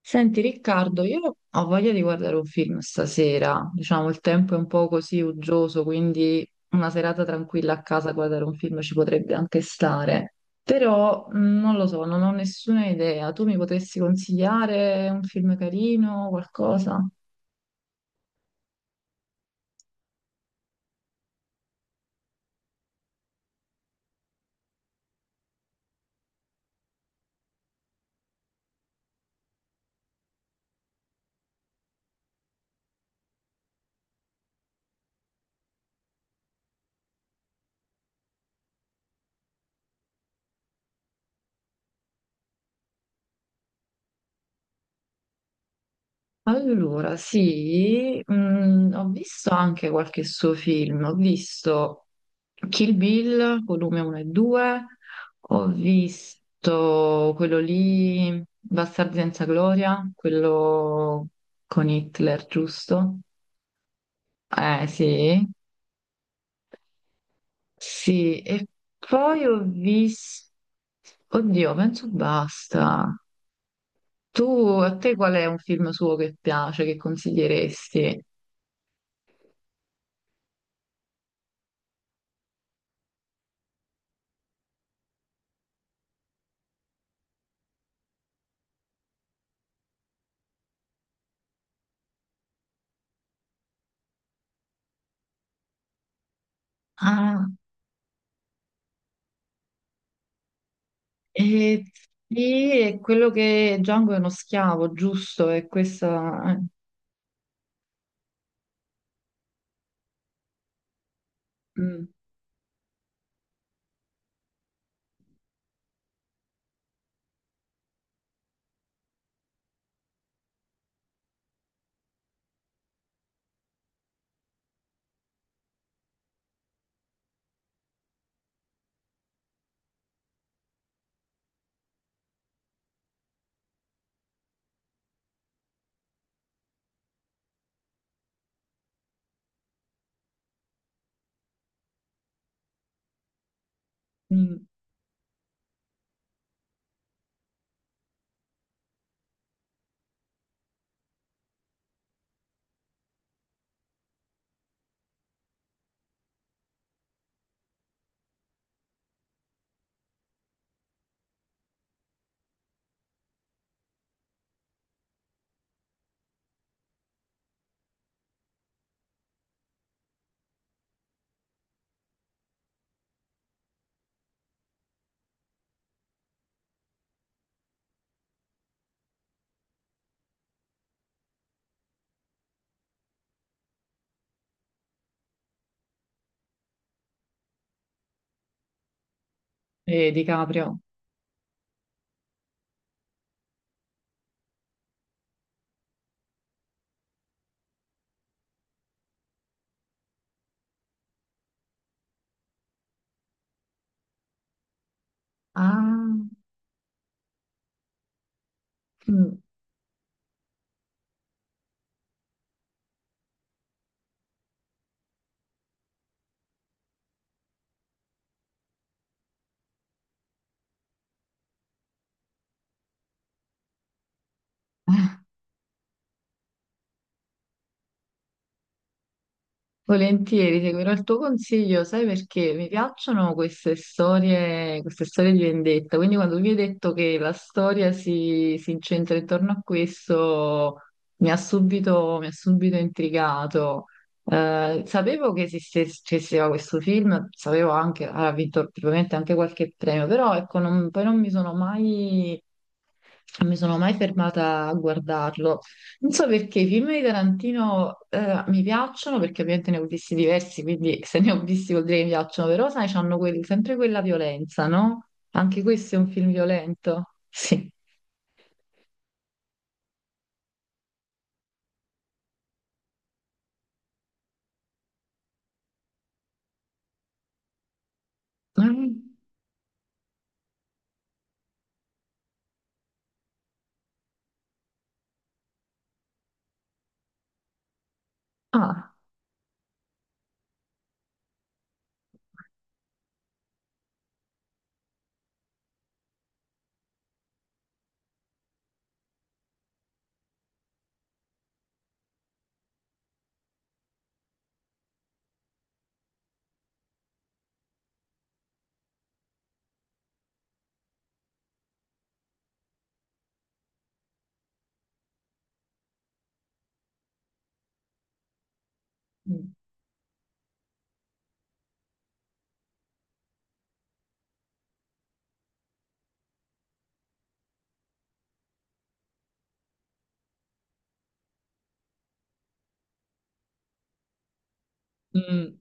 Senti Riccardo, io ho voglia di guardare un film stasera, diciamo il tempo è un po' così uggioso, quindi una serata tranquilla a casa a guardare un film ci potrebbe anche stare, però non lo so, non ho nessuna idea, tu mi potresti consigliare un film carino, qualcosa? Allora, sì, ho visto anche qualche suo film, ho visto Kill Bill, volume 1 e 2, ho visto quello lì, Bastardi senza gloria, quello con Hitler, giusto? Sì, sì, e poi ho visto... Oddio, penso basta. Tu, a te qual è un film suo che piace, che consiglieresti? Ah. Eh, sì, è quello che Django è uno schiavo, giusto? È questa... mm, mm, Di Caprio. Ah. Mm. Volentieri, seguirò il tuo consiglio, sai perché mi piacciono queste storie di vendetta, quindi quando tu mi hai detto che la storia si incentra intorno a questo, mi ha subito intrigato. Sapevo che che esisteva questo film, sapevo anche, ha vinto probabilmente anche qualche premio, però ecco, non- poi non mi sono mai fermata a guardarlo. Non so perché i film di Tarantino mi piacciono, perché ovviamente ne ho visti diversi, quindi se ne ho visti vuol dire che mi piacciono, però sai, c'hanno quel- sempre quella violenza, no? Anche questo è un film violento. Sì. Mm. Ah. Mm. Mm.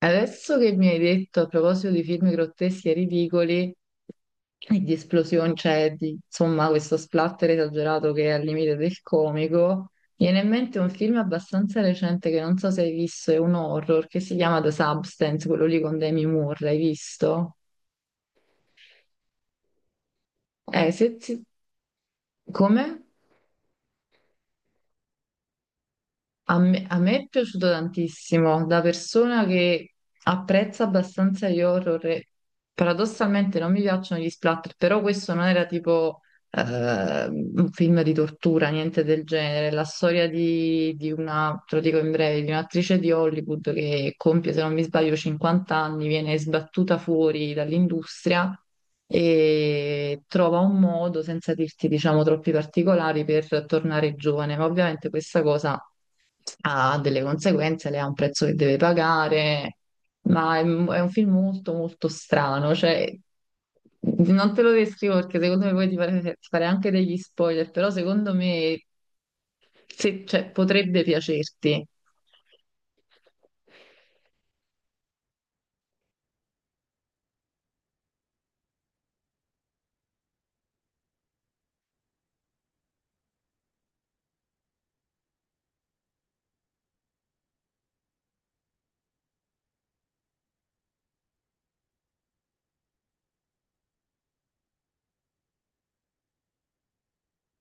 Adesso che mi hai detto a proposito di film grotteschi e ridicoli, e di esplosioni, cioè di, insomma questo splatter esagerato che è al limite del comico. Mi viene in mente un film abbastanza recente che non so se hai visto, è un horror che si chiama The Substance, quello lì con Demi Moore, l'hai visto? Eh, se, se- come? A me è piaciuto tantissimo, da persona che apprezza abbastanza gli horror, e paradossalmente non mi piacciono gli splatter, però questo non era tipo un film di tortura, niente del genere. La storia di una, te lo dico in breve, di un'attrice di Hollywood che compie, se non mi sbaglio, 50 anni, viene sbattuta fuori dall'industria e trova un modo, senza dirti, diciamo, troppi particolari, per tornare giovane. Ma ovviamente questa cosa ha delle conseguenze, lei ha un prezzo che deve pagare. Ma è un film molto molto strano, cioè non te lo descrivo perché secondo me poi ti farei anche degli spoiler, però secondo me se- cioè, potrebbe piacerti.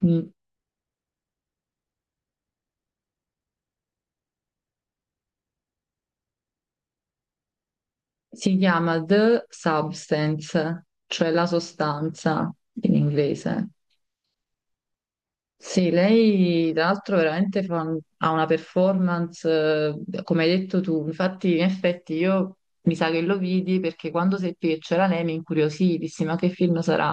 Mm. Si chiama The Substance, cioè la sostanza in inglese. Sì, lei tra l'altro veramente fa un- ha una performance, come hai detto tu, infatti in effetti io mi sa che lo vidi perché quando seppi che c'era lei mi incuriosì, dissi ma che film sarà?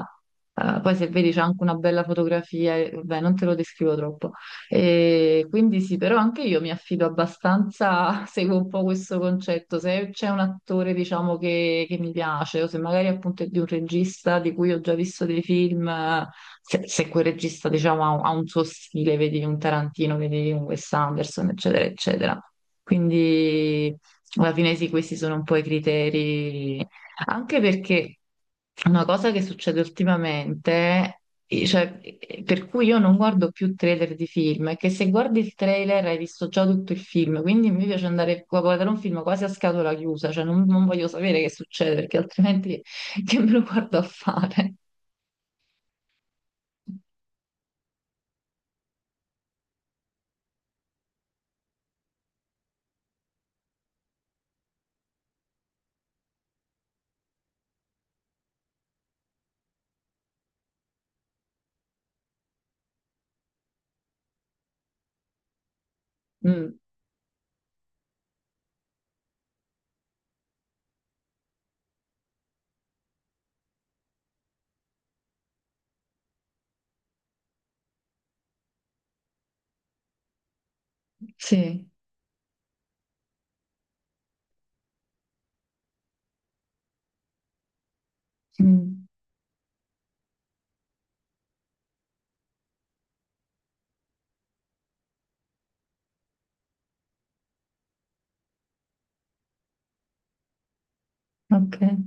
Poi se vedi c'è anche una bella fotografia, beh non te lo descrivo troppo. E quindi sì, però anche io mi affido abbastanza, seguo un po' questo concetto, se c'è un attore diciamo che mi piace o se magari appunto è di un regista di cui ho già visto dei film se, se quel regista, diciamo, ha un suo stile, vedi un Tarantino, vedi un Wes Anderson, eccetera, eccetera. Quindi alla fine sì, questi sono un po' i criteri, anche perché una cosa che succede ultimamente, per cui io non guardo più trailer di film, è che se guardi il trailer hai visto già tutto il film, quindi mi piace andare a guardare un film quasi a scatola chiusa, cioè non voglio sapere che succede, perché altrimenti che me lo guardo a fare? Mm. Sì, mm, ok.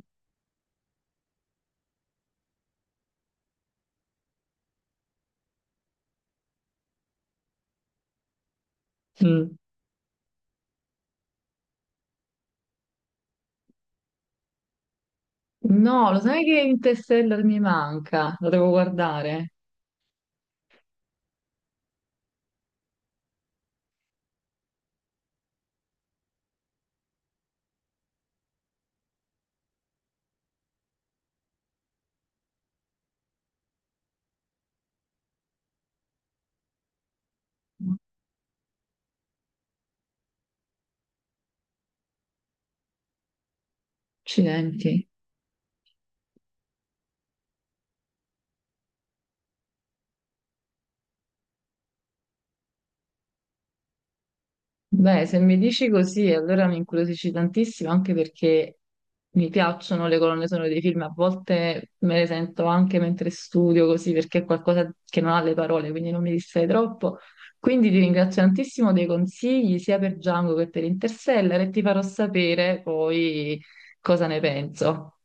Mm. No, lo sai che Interstellar mi manca? Lo devo guardare. Accidenti. Beh, se mi dici così, allora mi incuriosisci tantissimo, anche perché mi piacciono le colonne sonore dei film. A volte me le sento anche mentre studio, così, perché è qualcosa che non ha le parole, quindi non mi distrae troppo. Quindi ti ringrazio tantissimo dei consigli, sia per Django che per Interstellar, e ti farò sapere poi cosa ne penso.